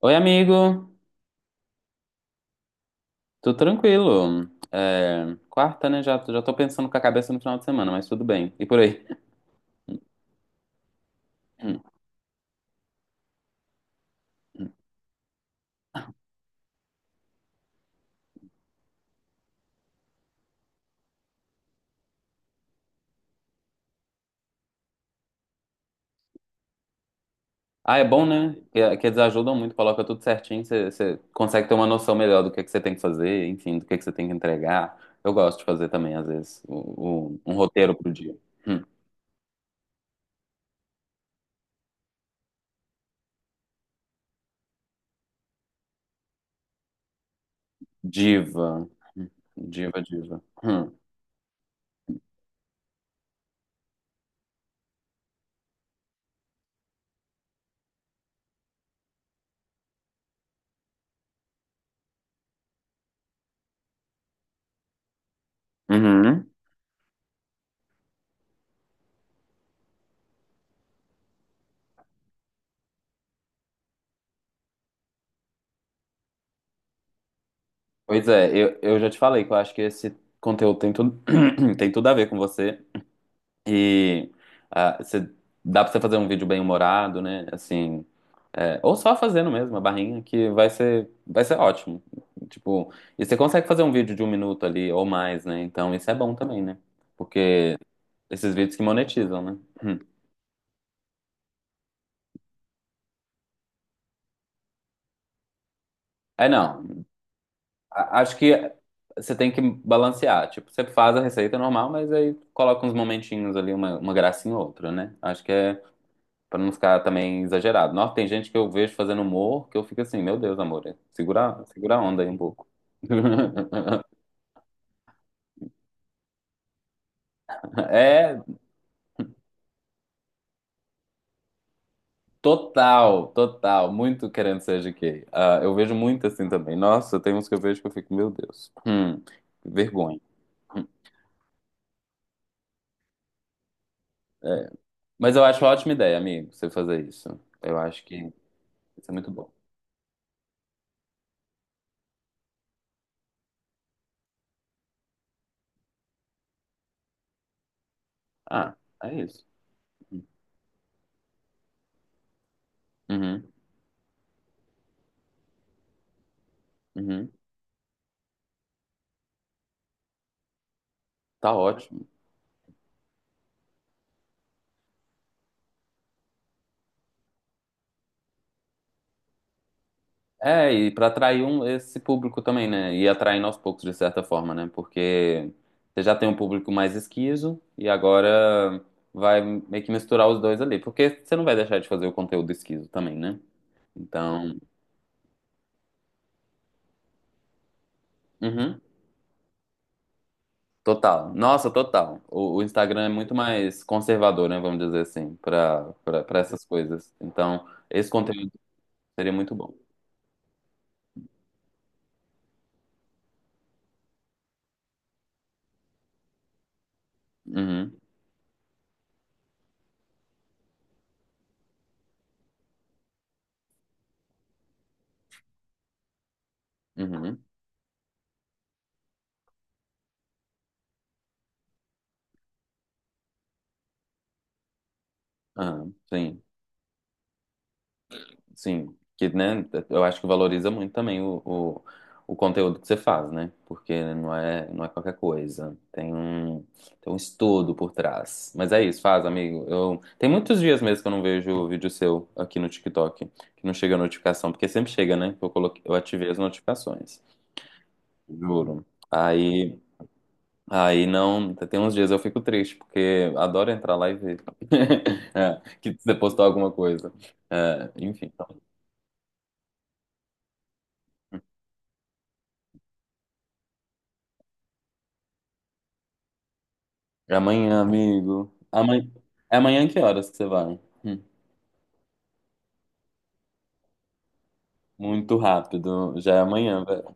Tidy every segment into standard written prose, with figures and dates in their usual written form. Oi, amigo. Tudo tranquilo? É, quarta, né? Já, já tô pensando com a cabeça no final de semana, mas tudo bem. E por aí? Ah, é bom, né? Que eles ajudam muito, coloca tudo certinho, você consegue ter uma noção melhor do que você tem que fazer, enfim, do que você tem que entregar. Eu gosto de fazer também, às vezes, um roteiro pro dia. Hum. Diva. Hum. Diva, diva. Hum. Uhum. Pois é, eu já te falei que eu acho que esse conteúdo tem tudo, tem tudo a ver com você. E ah, dá pra você fazer um vídeo bem humorado, né? Assim, ou só fazendo mesmo a barrinha, que vai ser ótimo. Tipo, e você consegue fazer um vídeo de um minuto ali ou mais, né? Então isso é bom também, né? Porque esses vídeos que monetizam, né? Hum. É, não. Acho que você tem que balancear. Tipo, você faz a receita normal, mas aí coloca uns momentinhos ali, uma gracinha ou outra, né? Acho que é. Pra não ficar também exagerado. Nossa, tem gente que eu vejo fazendo humor que eu fico assim, meu Deus, amor, segura, segura a onda aí um pouco. É, total, total, muito querendo ser GK. Ah, eu vejo muito assim também. Nossa, tem uns que eu vejo que eu fico, meu Deus, que vergonha. Hum. É. Mas eu acho uma ótima ideia, amigo, você fazer isso. Eu acho que isso é muito bom. Ah, é isso. Uhum, uhum. Tá ótimo. É, e para atrair um, esse público também, né? E atraindo aos poucos, de certa forma, né? Porque você já tem um público mais esquizo e agora vai meio que misturar os dois ali. Porque você não vai deixar de fazer o conteúdo esquizo também, né? Então, uhum, total. Nossa, total. O Instagram é muito mais conservador, né? Vamos dizer assim, para essas coisas. Então, esse conteúdo seria muito bom. Uhum, uhum. Ah, sim. Sim, que, né, eu acho que valoriza muito também o conteúdo que você faz, né? Porque não é, não é qualquer coisa. Tem um estudo por trás. Mas é isso, faz, amigo. Tem muitos dias mesmo que eu não vejo o vídeo seu aqui no TikTok, que não chega a notificação, porque sempre chega, né? Eu coloquei, eu ativei as notificações, juro. Aí, aí, não, tem uns dias eu fico triste, porque adoro entrar lá e ver É, que você postou alguma coisa. É, enfim. É amanhã, amigo. Amanhã... É amanhã que horas que você vai? Hum. Muito rápido. Já é amanhã, velho.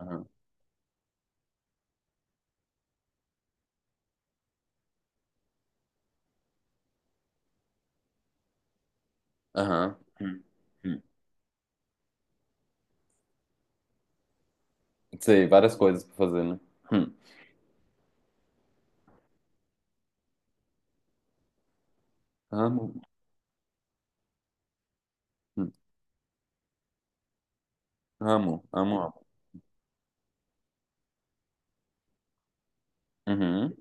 Aham. Aham. Hum. Hum. Sei, várias coisas pra fazer, né? Hum. Amo. Hum. Amo, amo, amo. Uhum.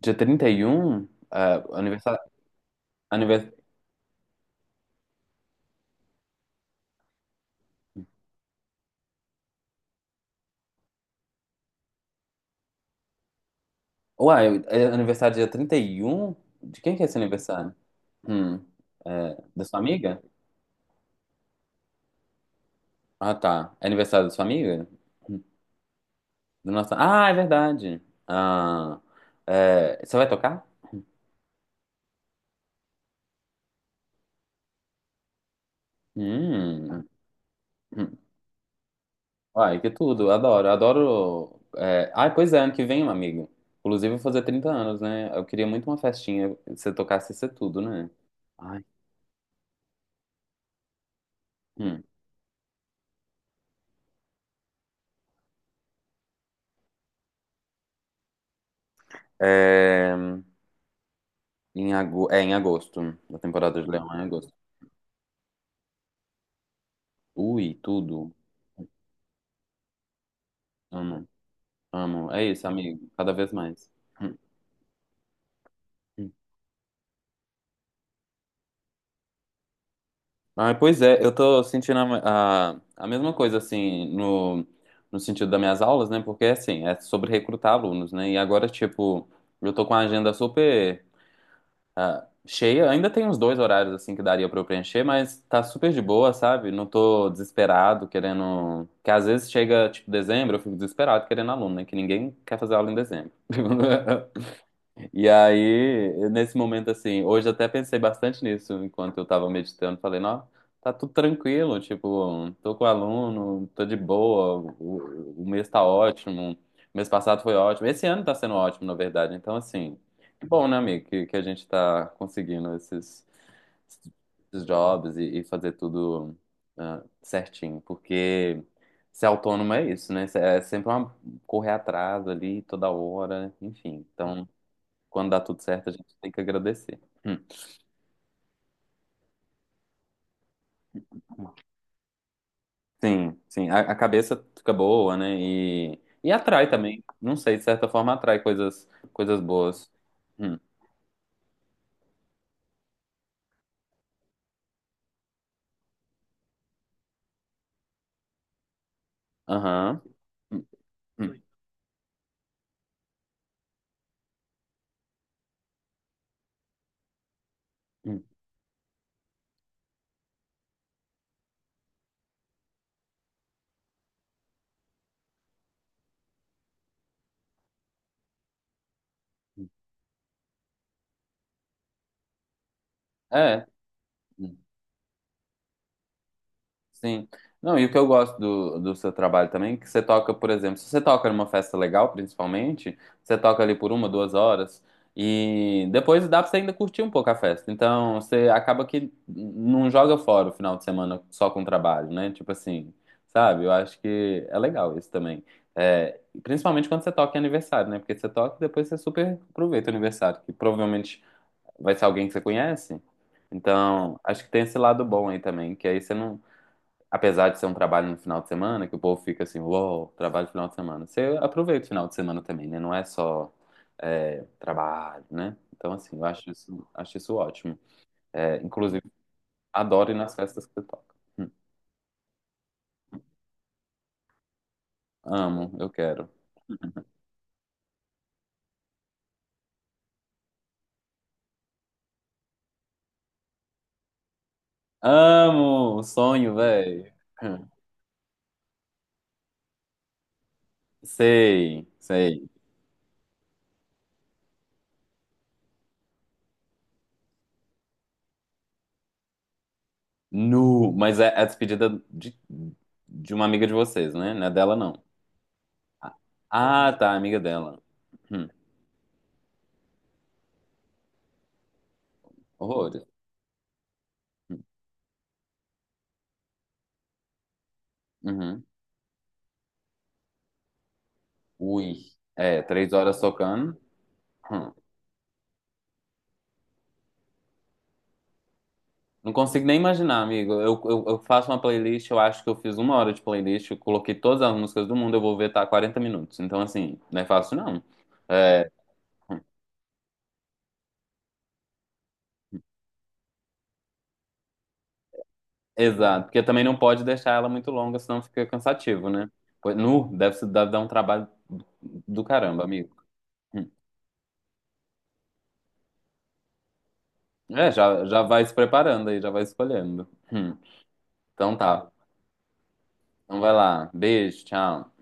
Dia 31. É, aniversário. Anivers... Uai, é aniversário dia 31. De quem que é esse aniversário? Hum. É, da sua amiga? Ah, tá. É aniversário da sua amiga? Do nosso... Ah, é verdade. Ah, é, você vai tocar? Hum. Hum. Ai, que tudo. Adoro, adoro. É... Ai, pois é, ano que vem, meu amigo. Inclusive, eu vou fazer 30 anos, né? Eu queria muito uma festinha, se eu tocasse ser tudo, né? Ai. Hum. É... Em ago... é em agosto. A temporada de Leão é em agosto. Ui, tudo. Amo, amo. É isso, amigo. Cada vez mais. Hum. Ah, pois é, eu tô sentindo a mesma coisa, assim, no sentido das minhas aulas, né? Porque, assim, é sobre recrutar alunos, né? E agora, tipo, eu tô com a agenda super cheia. Ainda tem uns dois horários, assim, que daria pra eu preencher, mas tá super de boa, sabe? Não tô desesperado, querendo... Que às vezes chega, tipo, dezembro, eu fico desesperado querendo aluno, né? Que ninguém quer fazer aula em dezembro. E aí, nesse momento assim, hoje até pensei bastante nisso enquanto eu tava meditando. Falei, não, tá tudo tranquilo, tipo, tô com aluno, tô de boa, o mês tá ótimo, o mês passado foi ótimo, esse ano tá sendo ótimo, na verdade. Então, assim, que bom, né, amigo, que a gente tá conseguindo esses jobs e fazer tudo certinho, porque ser autônomo é isso, né? É sempre uma correr atrás ali toda hora, enfim. Então. Quando dá tudo certo, a gente tem que agradecer. Hum. Sim, sim. A cabeça fica boa, né? E atrai também. Não sei, de certa forma atrai coisas, coisas boas. Hum. Aham. Hum, hum, hum. É. Hum. Sim. Não, e o que eu gosto do seu trabalho também, é que você toca, por exemplo, se você toca numa festa legal, principalmente, você toca ali por uma, duas horas, e depois dá pra você ainda curtir um pouco a festa. Então, você acaba que não joga fora o final de semana só com trabalho, né? Tipo assim, sabe? Eu acho que é legal isso também. É, principalmente quando você toca em aniversário, né? Porque você toca e depois você super aproveita o aniversário, que provavelmente vai ser alguém que você conhece. Então, acho que tem esse lado bom aí também, que aí você não, apesar de ser um trabalho no final de semana, que o povo fica assim, uou, trabalho no final de semana. Você aproveita o final de semana também, né? Não é só trabalho, né? Então, assim, eu acho isso ótimo. É, inclusive, adoro ir nas festas que você toca. Amo, eu quero. Amo! Sonho, velho. Sei, sei. Nu, mas é a despedida de uma amiga de vocês, né? Não é dela, não. Ah, ah, tá, amiga dela. Hum, horrores. Uhum. Ui, é, 3 horas tocando. Hum. Não consigo nem imaginar, amigo. Eu faço uma playlist, eu acho que eu fiz uma hora de playlist, eu coloquei todas as músicas do mundo, eu vou ver, tá 40 minutos. Então, assim, não é fácil, não. É, hum, exato, porque também não pode deixar ela muito longa, senão fica cansativo, né? Nu, deve, se- deve dar um trabalho do caramba, amigo. Hum. É, já, já vai se preparando aí, já vai escolhendo. Hum. Então tá. Então vai lá. Beijo, tchau.